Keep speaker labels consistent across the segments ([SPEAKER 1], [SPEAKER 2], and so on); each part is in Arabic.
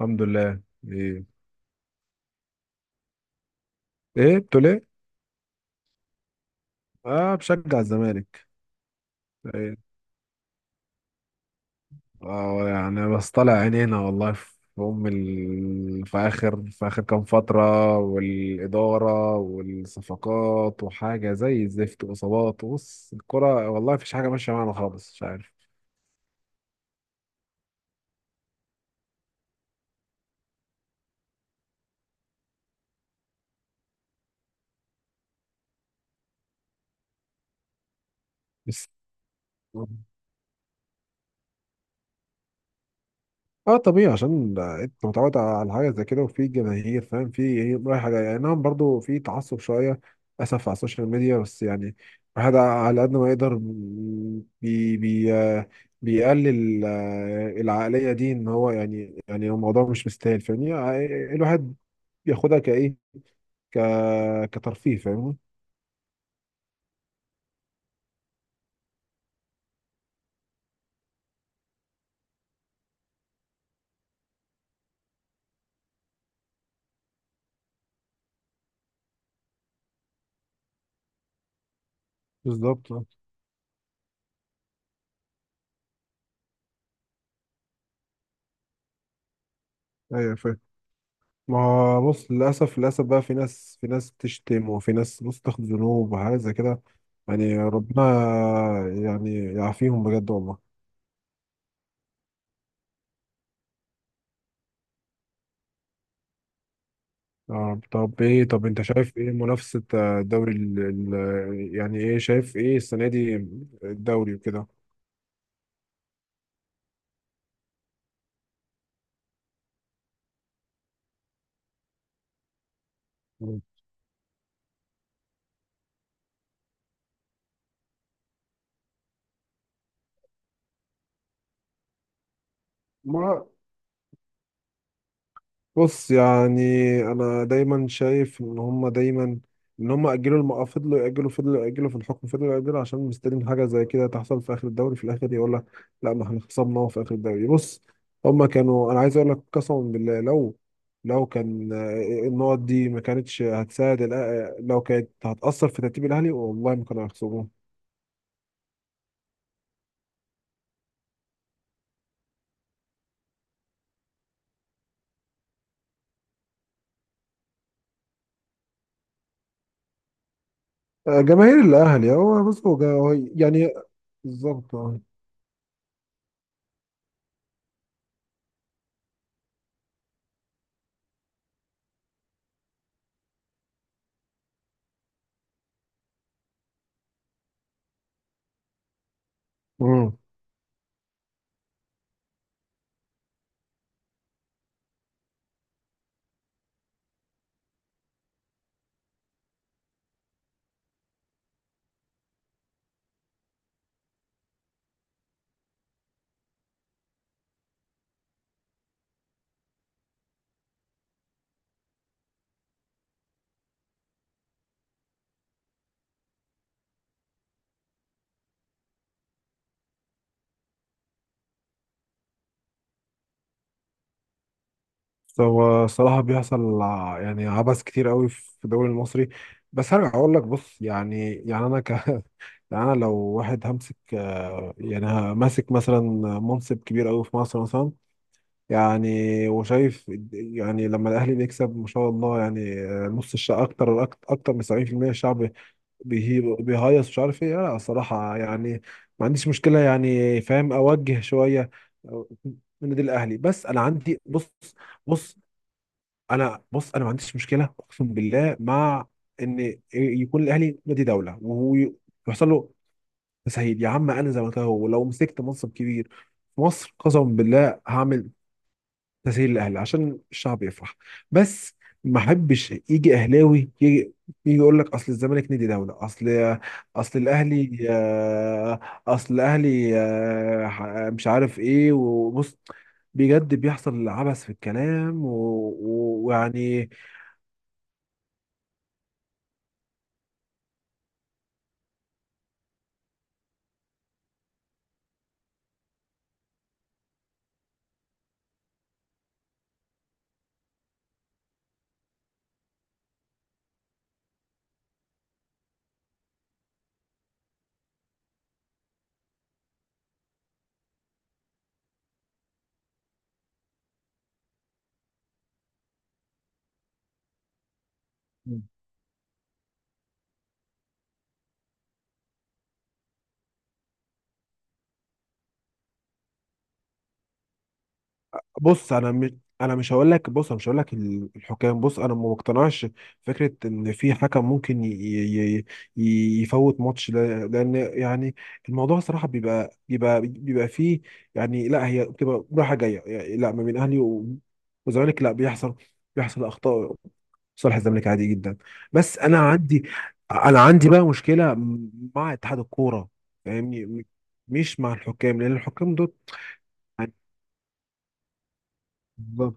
[SPEAKER 1] الحمد لله. ايه. ايه بتقول ايه؟ اه بشجع الزمالك. ايه. اه يعني بس طالع عينينا والله في اخر كام فتره، والاداره والصفقات وحاجه زي الزفت واصابات، بص الكره والله مفيش حاجه ماشيه معانا خالص، مش عارف بس. اه طبيعي عشان انت متعود على حاجه زي كده، وفي جماهير فاهم في ايه رايح جاي، يعني نعم برضو في تعصب شويه للاسف على السوشيال ميديا، بس يعني الواحد على قد ما يقدر بي بي آه، بيقلل العقليه دي، ان هو يعني الموضوع مش مستاهل، فاهمني؟ الواحد بياخدها كايه ك كترفيه، فاهمني؟ بالظبط آه. ايوه فاهم. ما هو بص، للأسف بقى في ناس، في ناس تشتم، وفي ناس بص تاخد ذنوب وحاجات زي كده. يعني ربنا يعني يعافيهم بجد والله. آه، طب ايه، طب انت شايف ايه منافسة يعني ايه شايف ايه السنة دي، الدوري وكده؟ ما بص يعني، انا دايما شايف ان هم دايما ان هم اجلوا الموضوع، فضلوا ياجلوا، فضلوا ياجلوا في الحكم، فضلوا ياجلوا عشان مستنيين حاجه زي كده تحصل في اخر الدوري، في الاخر يقول لك لا ما احنا خصمناه في اخر الدوري. بص هم كانوا، انا عايز اقول لك قسما بالله، لو لو كان النقط دي ما كانتش هتساعد لو كانت هتاثر في ترتيب الاهلي، والله ما كانوا هيخسروه. جماهير الاهلي، هو بص هو هو يعني. بالظبط آه. هو الصراحة بيحصل يعني عبث كتير قوي في الدوري المصري. بس هرجع أقول لك بص، يعني يعني أنا ك يعني أنا لو واحد همسك يعني ماسك مثلا منصب كبير قوي في مصر مثلا، يعني وشايف يعني لما الأهلي بيكسب ما شاء الله، يعني آه، نص الشعب، أكتر من 70%، الشعب بيهيص مش عارف إيه، لا الصراحة يعني ما عنديش مشكلة، يعني فاهم أوجه شوية من النادي الأهلي، بس أنا عندي بص. بص انا، انا ما عنديش مشكله اقسم بالله مع ان يكون الاهلي نادي دوله وهو يحصل له تسهيل، يا عم انا زملكاوي ولو مسكت منصب كبير في مصر قسما بالله هعمل تسهيل للاهلي عشان الشعب يفرح. بس ما احبش يجي اهلاوي يجي يقول لك اصل الزمالك نادي دوله، اصل الاهلي آه، اصل الاهلي مش عارف ايه. وبص بجد بيحصل عبث في الكلام و- و- ويعني. بص انا مش هقول لك، بص انا مش هقول لك الحكام، بص انا ما مقتنعش فكره ان في حكم ممكن يفوت ماتش، لان يعني الموضوع صراحه بيبقى فيه يعني، لا هي بتبقى رايحه جايه يعني، لا ما بين اهلي وزمالك لا، بيحصل اخطاء صالح الزمالك عادي جدا. بس انا عندي، انا عندي بقى مشكله مع اتحاد الكوره، فاهمني؟ مش مع الحكام، لان الحكام دول يعني.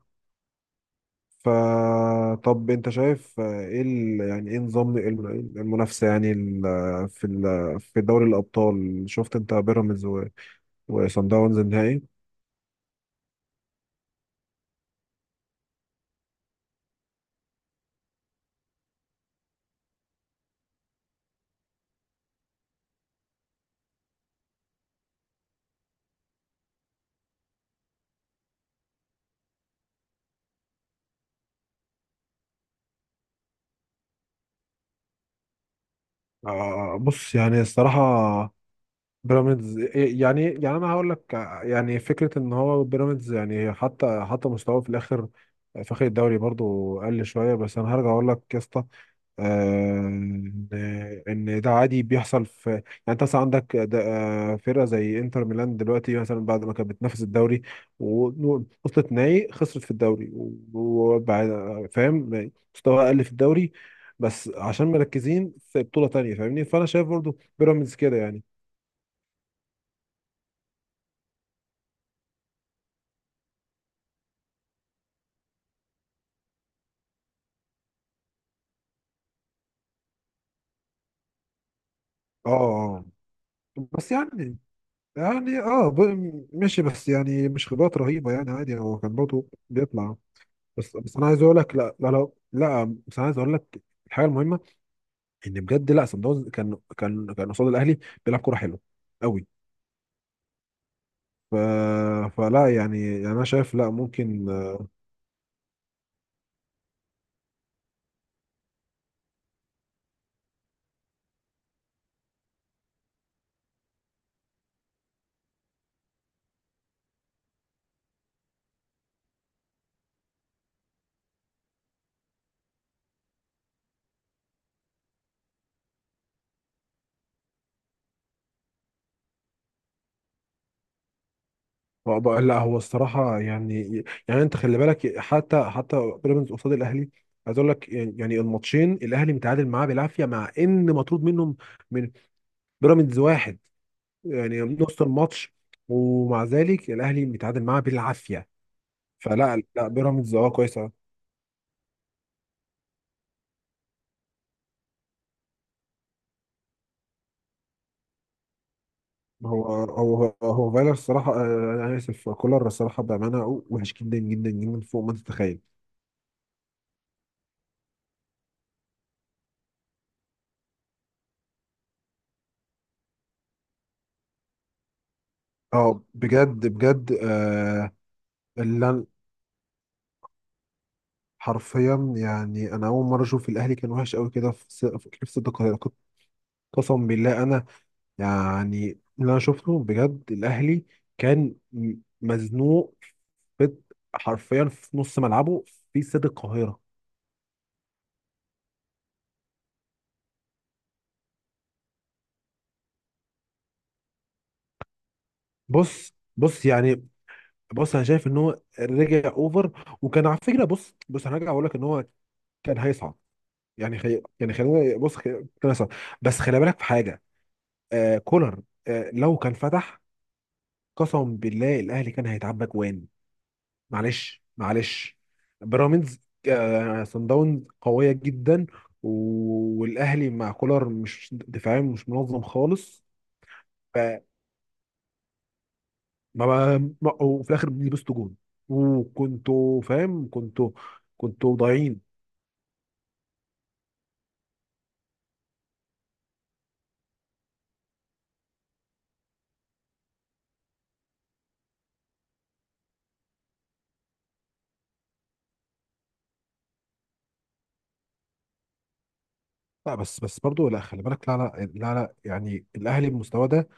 [SPEAKER 1] فطب انت شايف آه، ايه يعني ايه نظام المنافسه يعني في دوري الابطال، شفت انت بيراميدز وصن داونز النهائي. آه بص يعني الصراحه بيراميدز إيه، يعني يعني انا هقول لك، يعني فكره ان هو بيراميدز يعني، حتى مستواه في الاخر في اخر الدوري برضو قل شويه. بس انا هرجع اقول لك يا اسطى آه، إن ده عادي بيحصل في يعني، انت مثلا عندك فرقه زي انتر ميلان دلوقتي مثلا، بعد ما كانت بتنافس الدوري و- ووصلت نهائي خسرت في الدوري وبعد، فاهم؟ مستوى اقل في الدوري بس عشان مركزين في بطوله تانيه، فاهمني؟ فانا شايف برضو بيراميدز كده يعني. اه آه. بس يعني يعني اه ماشي، بس يعني مش خبرات رهيبه يعني، عادي هو كان برضه بيطلع. بس انا عايز اقول لك، لا بس انا عايز اقول لك الحاجه المهمه، ان بجد لا سان داونز كان قصاد الاهلي بيلعب كوره حلوه قوي. ف... فلا يعني، يعني انا شايف لا ممكن. آه، لا هو الصراحه يعني، يعني انت خلي بالك، حتى بيراميدز قصاد الاهلي، عايز اقول لك يعني يعني الماتشين الاهلي متعادل معاه بالعافيه، مع ان مطرود منهم من بيراميدز واحد يعني من نص الماتش، ومع ذلك الاهلي بيتعادل معاه بالعافيه. فلا لا بيراميدز اه كويسه. هو فايلر الصراحه آه، انا اسف كولر الصراحه بامانه وحش جدا جدا جدا فوق ما انت تتخيل. اه بجد بجد آه. اللي أنا- حرفيا يعني انا اول مره اشوف الاهلي كان وحش قوي كده، في في كلمه صدق قسم بالله انا، يعني اللي انا شفته بجد الاهلي كان مزنوق في، حرفيا في نص ملعبه في استاد القاهره. بص يعني، بص انا شايف ان هو رجع اوفر، وكان على فكره، بص انا هرجع اقول لك ان هو كان هيصعد يعني، يعني خلينا بص كان هيصعد. بس خلي بالك في حاجه، آه كولر آه لو كان فتح قسم بالله الاهلي كان هيتعبى جوان. معلش بيراميدز، آه، صن داونز قوية جدا، و- والأهلي مع كولر مش دفاعيا مش منظم خالص. فما وفي الآخر لبستوا جون، وكنتوا فاهم، كنتوا ضايعين. لا بس برضه لا خلي بالك، لا يعني الأهلي بمستواه ده،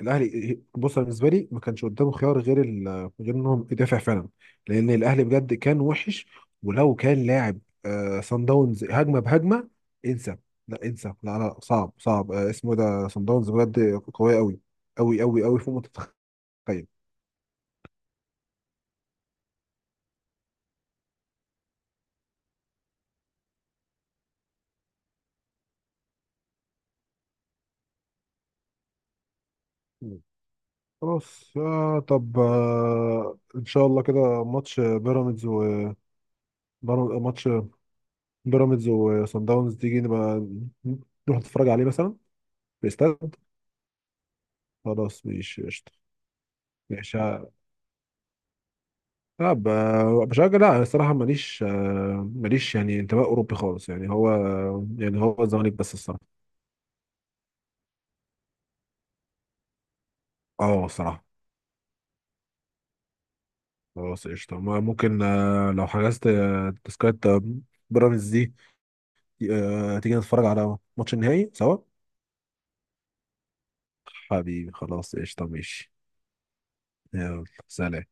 [SPEAKER 1] الاهلي بص أنا بالنسبه لي ما كانش قدامه خيار غير غير انهم يدافع فعلا، لان الاهلي بجد كان وحش. ولو كان لاعب آه صن داونز هجمه بهجمه، انسى، لا انسى، لا لا صعب صعب آه اسمه، ده صن داونز بجد قويه قوي فوق ما تتخيل. مم. خلاص آه، طب آه ان شاء الله كده ماتش بيراميدز و ماتش بيراميدز وصن داونز، تيجي نبقى نروح نتفرج عليه مثلا في الاستاد. خلاص ماشي قشطة. ماشي. لا بشجع، لا انا الصراحه ماليش آه، ماليش يعني انتماء اوروبي خالص يعني، هو يعني هو الزمالك بس الصراحه. اه الصراحه. خلاص قشطه، ممكن آه، لو حجزت آه، تذكره آه، بيراميدز دي، آه، تيجي نتفرج على ماتش النهائي سوا. حبيبي خلاص قشطه، ماشي. يلا سلام.